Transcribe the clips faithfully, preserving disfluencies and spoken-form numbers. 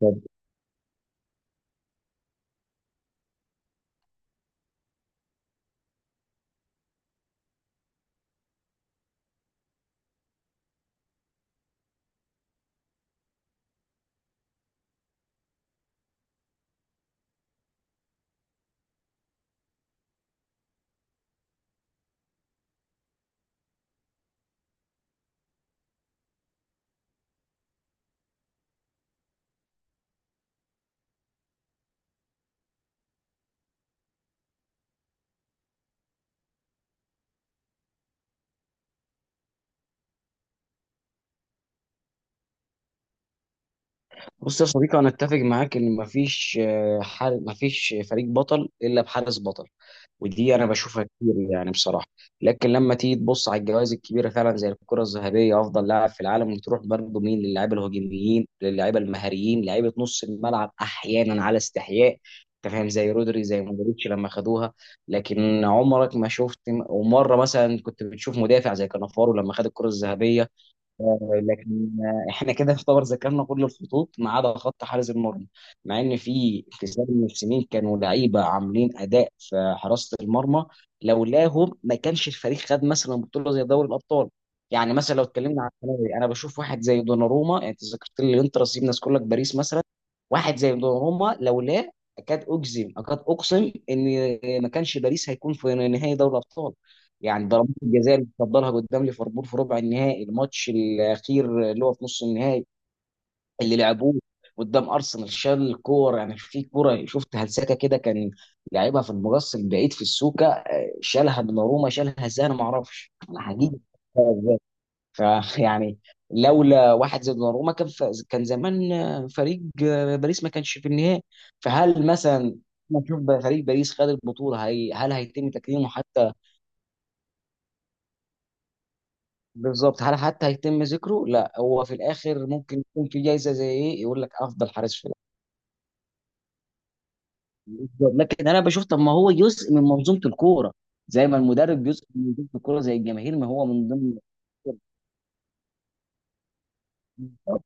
طب، بص يا صديقي، انا اتفق معاك ان مفيش آه، حال. مفيش فريق بطل الا بحارس بطل. ودي انا بشوفها كتير، يعني بصراحه. لكن لما تيجي تبص على الجوائز الكبيره فعلا زي الكره الذهبيه افضل لاعب في العالم، وتروح برضه مين؟ للاعيبه الهجوميين، للاعيبه المهاريين، لعيبه نص الملعب احيانا على استحياء. انت فاهم؟ زي رودري، زي مودريتش لما خدوها. لكن عمرك ما شفت، ومره مثلا كنت بتشوف مدافع زي كانافارو لما خد الكره الذهبيه. آه، لكن آه، احنا كده يعتبر ذكرنا كل الخطوط ما عدا خط حارس المرمى، مع ان في كتير من السنين كانوا لعيبه عاملين اداء في حراسه المرمى لولاهم ما كانش الفريق خد مثلا بطوله زي دوري الابطال. يعني مثلا لو اتكلمنا عن الثانوي، انا بشوف واحد زي دوناروما. يعني انت ذكرت لي الانتر، سيبنا نذكر لك باريس مثلا. واحد زي دوناروما لولاه، اكاد اجزم، اكاد اقسم ان ما كانش باريس هيكون في نهائي دوري الابطال. يعني ضربات الجزاء اللي اتفضلها قدام ليفربول في ربع النهائي، الماتش الاخير اللي هو في نص النهائي اللي لعبوه قدام ارسنال، شال كور يعني. في كوره شفت هلسكه كده، كان لعبها في المقص البعيد في السوكه، آه، شالها دوناروما. شالها ازاي؟ انا ما اعرفش، انا حقيقي مش عارف ازاي. فيعني لولا واحد زي دوناروما كان ف... كان زمان آه، فريق آه، باريس ما كانش في النهائي. فهل مثلا نشوف فريق باريس خد البطوله هي... هل هيتم تكريمه حتى؟ بالظبط، هل حتى هيتم ذكره؟ لا، هو في الاخر ممكن يكون في جايزه زي ايه، يقول لك افضل حارس في العالم. بالظبط. لكن انا بشوف، طب ما هو جزء من منظومه الكوره، زي ما المدرب جزء من منظومه الكوره، زي الجماهير، ما هو من ضمن. بالظبط.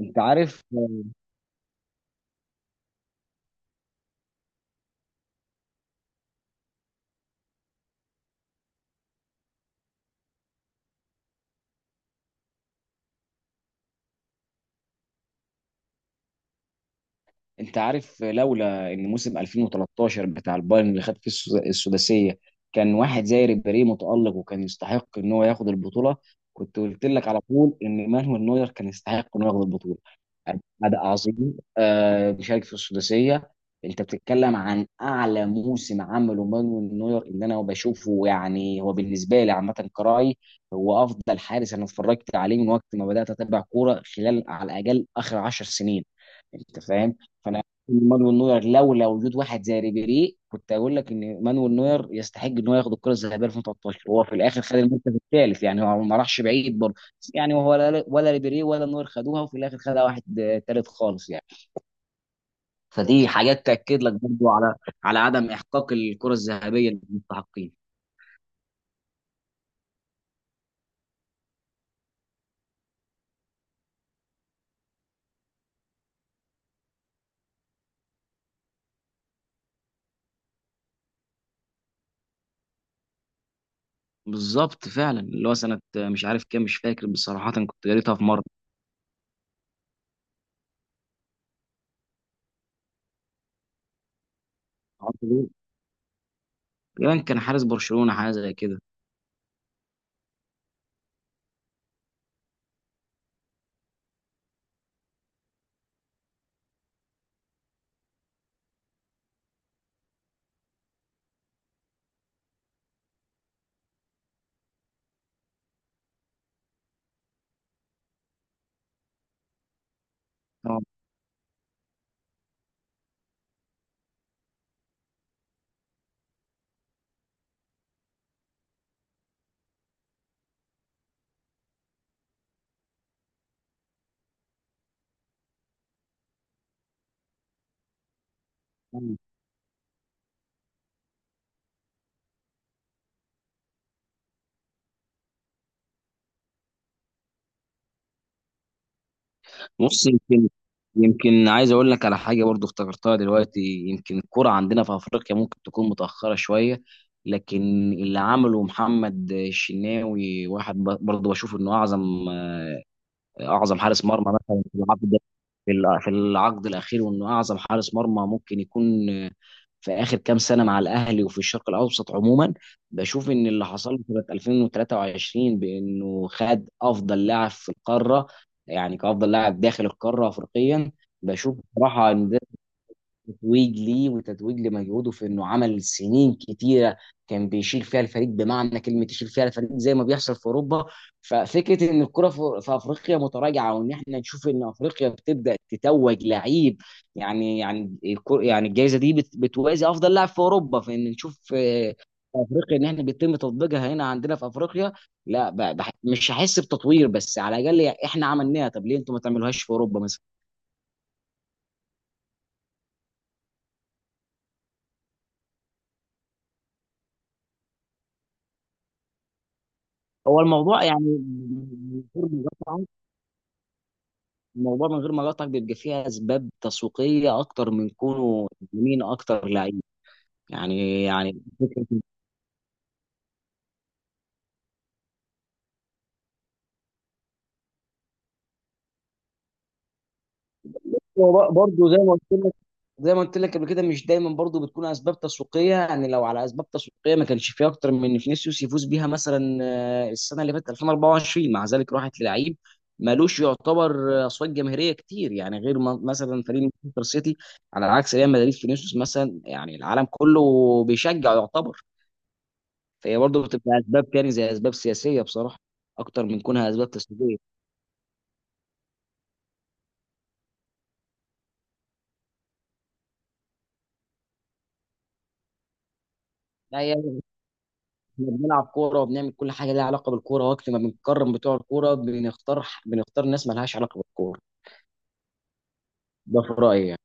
انت عارف انت عارف لولا ان موسم ألفين وتلتاشر بتاع البايرن اللي خد فيه السد- السداسيه كان واحد زي ريبيري متالق وكان يستحق ان هو ياخد البطوله، كنت قلت لك على طول ان مانويل نوير كان يستحق انه ياخد البطوله. أداء عظيم آه، بيشارك في السداسية. أنت بتتكلم عن أعلى موسم عمله مانويل نوير، اللي أنا بشوفه يعني هو بالنسبة لي عامة كرأي، هو أفضل حارس أنا اتفرجت عليه من وقت ما بدأت أتابع كورة، خلال على الأقل آخر عشر سنين. أنت فاهم؟ فأنا مانويل نوير لولا وجود واحد زي ريبيري، كنت أقول لك إن مانويل نوير يستحق إن هو ياخد الكرة الذهبية ألفين وتلتاشر، وهو في الآخر خد المركز الثالث، يعني هو ما راحش بعيد. يعني ولا ولا ريبيري ولا نور خدوها، وفي الاخر خدها واحد آه، تالت خالص يعني. فدي حاجات تاكد لك برضو على على عدم احقاق الكره الذهبيه للمستحقين. بالظبط فعلا. اللي هو سنه آه، مش عارف كام، مش فاكر بصراحه، كنت قريتها في مره، معرفش ليه. تقريبا كان حارس برشلونه، حاجه زي كده. اه، بص، يمكن يمكن عايز اقول لك على حاجه برضو افتكرتها دلوقتي. يمكن الكره عندنا في افريقيا ممكن تكون متاخره شويه، لكن اللي عمله محمد الشناوي، واحد ب- برضو بشوف انه اعظم اعظم حارس مرمى مثلا في العقد، في الع- في العقد الاخير، وانه اعظم حارس مرمى ممكن يكون في اخر كام سنه مع الاهلي، وفي الشرق الاوسط عموما. بشوف ان اللي حصل له سنه ألفين وتلاته وعشرين بانه خد افضل لاعب في القاره، يعني كافضل لاعب داخل القاره افريقيا، بشوف بصراحه ان تتويج ليه وتتويج لمجهوده في انه عمل سنين كتيره كان بيشيل فيها الفريق بمعنى كلمه، يشيل فيها الفريق زي ما بيحصل في اوروبا. ففكره ان الكره في في افريقيا متراجعه، وان احنا نشوف ان افريقيا بتبدا تتوج لعيب، يعني يعني الكر- يعني الجائزه دي بت- بتوازي افضل لاعب في اوروبا. فان نشوف آه، في افريقيا، ان احنا بيتم تطبيقها هنا عندنا في افريقيا. لا، ب- بح- مش هحس بتطوير، بس على الاقل احنا عملناها. طب ليه انتوا ما تعملوهاش في اوروبا مثلا؟ هو الموضوع يعني، الموضوع من غير ما اقاطعك، بيبقى فيه اسباب تسويقيه اكتر من كونه مين اكتر لعيب. يعني يعني فكره. هو برضه زي ما قلت لك زي ما قلت لك قبل كده، مش دايما برضه بتكون اسباب تسويقيه. يعني لو على اسباب تسويقيه ما كانش فيه اكتر من إن فينيسيوس يفوز بيها مثلا. آه، السنه اللي فاتت ألفين واربعه وعشرين مع ذلك راحت للعيب مالوش يعتبر آه، اصوات جماهيريه كتير، يعني غير ما- مثلا فريق مانشستر سيتي على عكس ريال مدريد، فينيسيوس مثلا يعني العالم كله بيشجع. فهي برضه بتبقى اسباب كان زي اسباب سياسيه بصراحه، اكتر من كونها اسباب تسويقيه. لا يعني احنا بنلعب كوره وبنعمل كل حاجه ليها علاقه بالكوره، وقت ما بنكرم بتوع الكوره بنختار بنختار ناس ما لهاش علاقه بالكوره. ده في رايي يعني.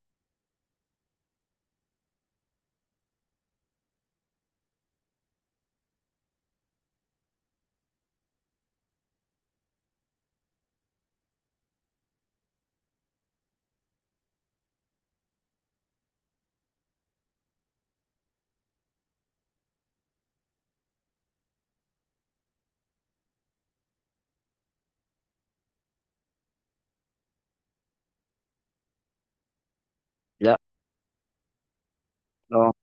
لا، اه،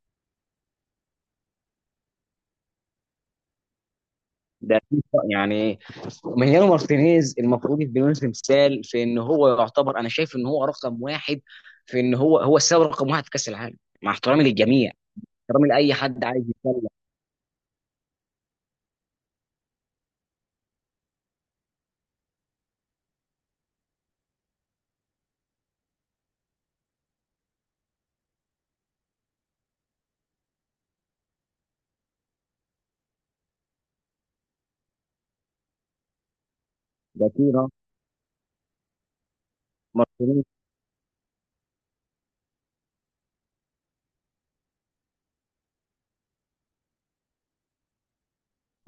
ده أكيد طبعاً. يعني مانيانو مارتينيز المفروض يديله تمثال، في ان هو يعتبر، انا شايف ان هو رقم واحد، في ان هو هو السبب رقم واحد في كاس العالم، مع احترامي للجميع، احترامي لاي حد عايز يتكلم. ده كده مارتينيز.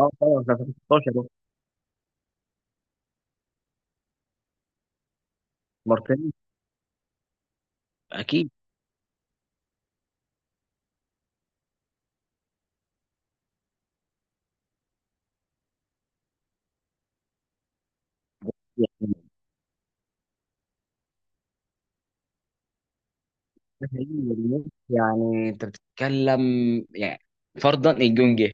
اه طبعا، ده ستاشر. مارتينيز، اكيد. يعني ده حقيقي والله. يعني انت بتتكلم، يعني فرضا الجونجي،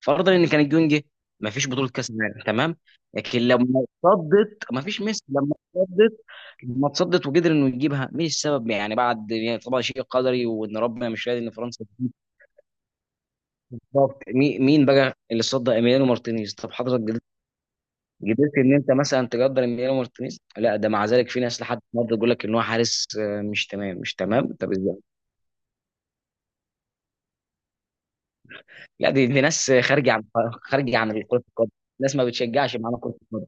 فرضا ان كان الجونجي ما فيش بطوله كاس عالم، تمام. لكن لما اتصدت ما فيش ميسي. لما اتصدت، لما اتصدت وقدر انه يجيبها، مين السبب يعني؟ بعد يعني طبعا شيء قدري، وان ربنا مش راضي ان فرنسا تجيب. بالظبط. مي- مين بقى اللي صد ايميليانو مارتينيز؟ طب حضرتك قدرت قدرت ان انت مثلا تقدر ايميليانو مارتينيز؟ لا ده مع ذلك في ناس لحد النهارده يقول لك ان هو حارس آه، مش تمام، مش تمام. طب لا، دي, دي ناس خارجه عن خارجه عن كره القدم. ناس ما بتشجعش معانا كره القدم.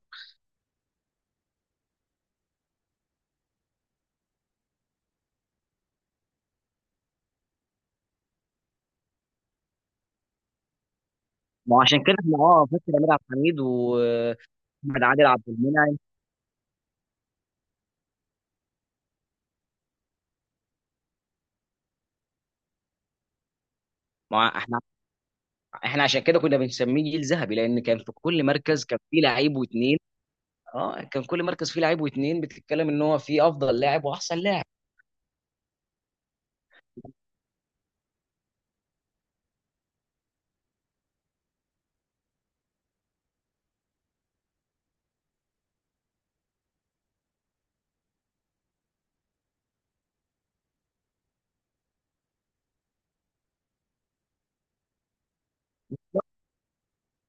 ما هو عشان كده احنا اه فاكر امير عبد الحميد واحمد عادل عبد المنعم. ما هو احنا احنا عشان كده كنا بنسميه جيل ذهبي، لان كان في كل مركز كان فيه لعيب واثنين. اه، كان كل مركز فيه لعيب واثنين، بتتكلم ان هو فيه افضل لاعب واحسن لاعب.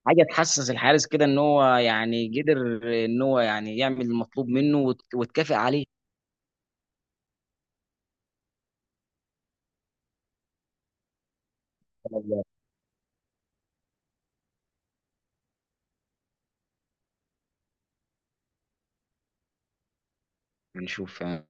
حاجه تحسس الحارس كده ان هو يعني قدر، ان هو يعني يعمل المطلوب منه وت- وتكافئ عليه. هنشوف.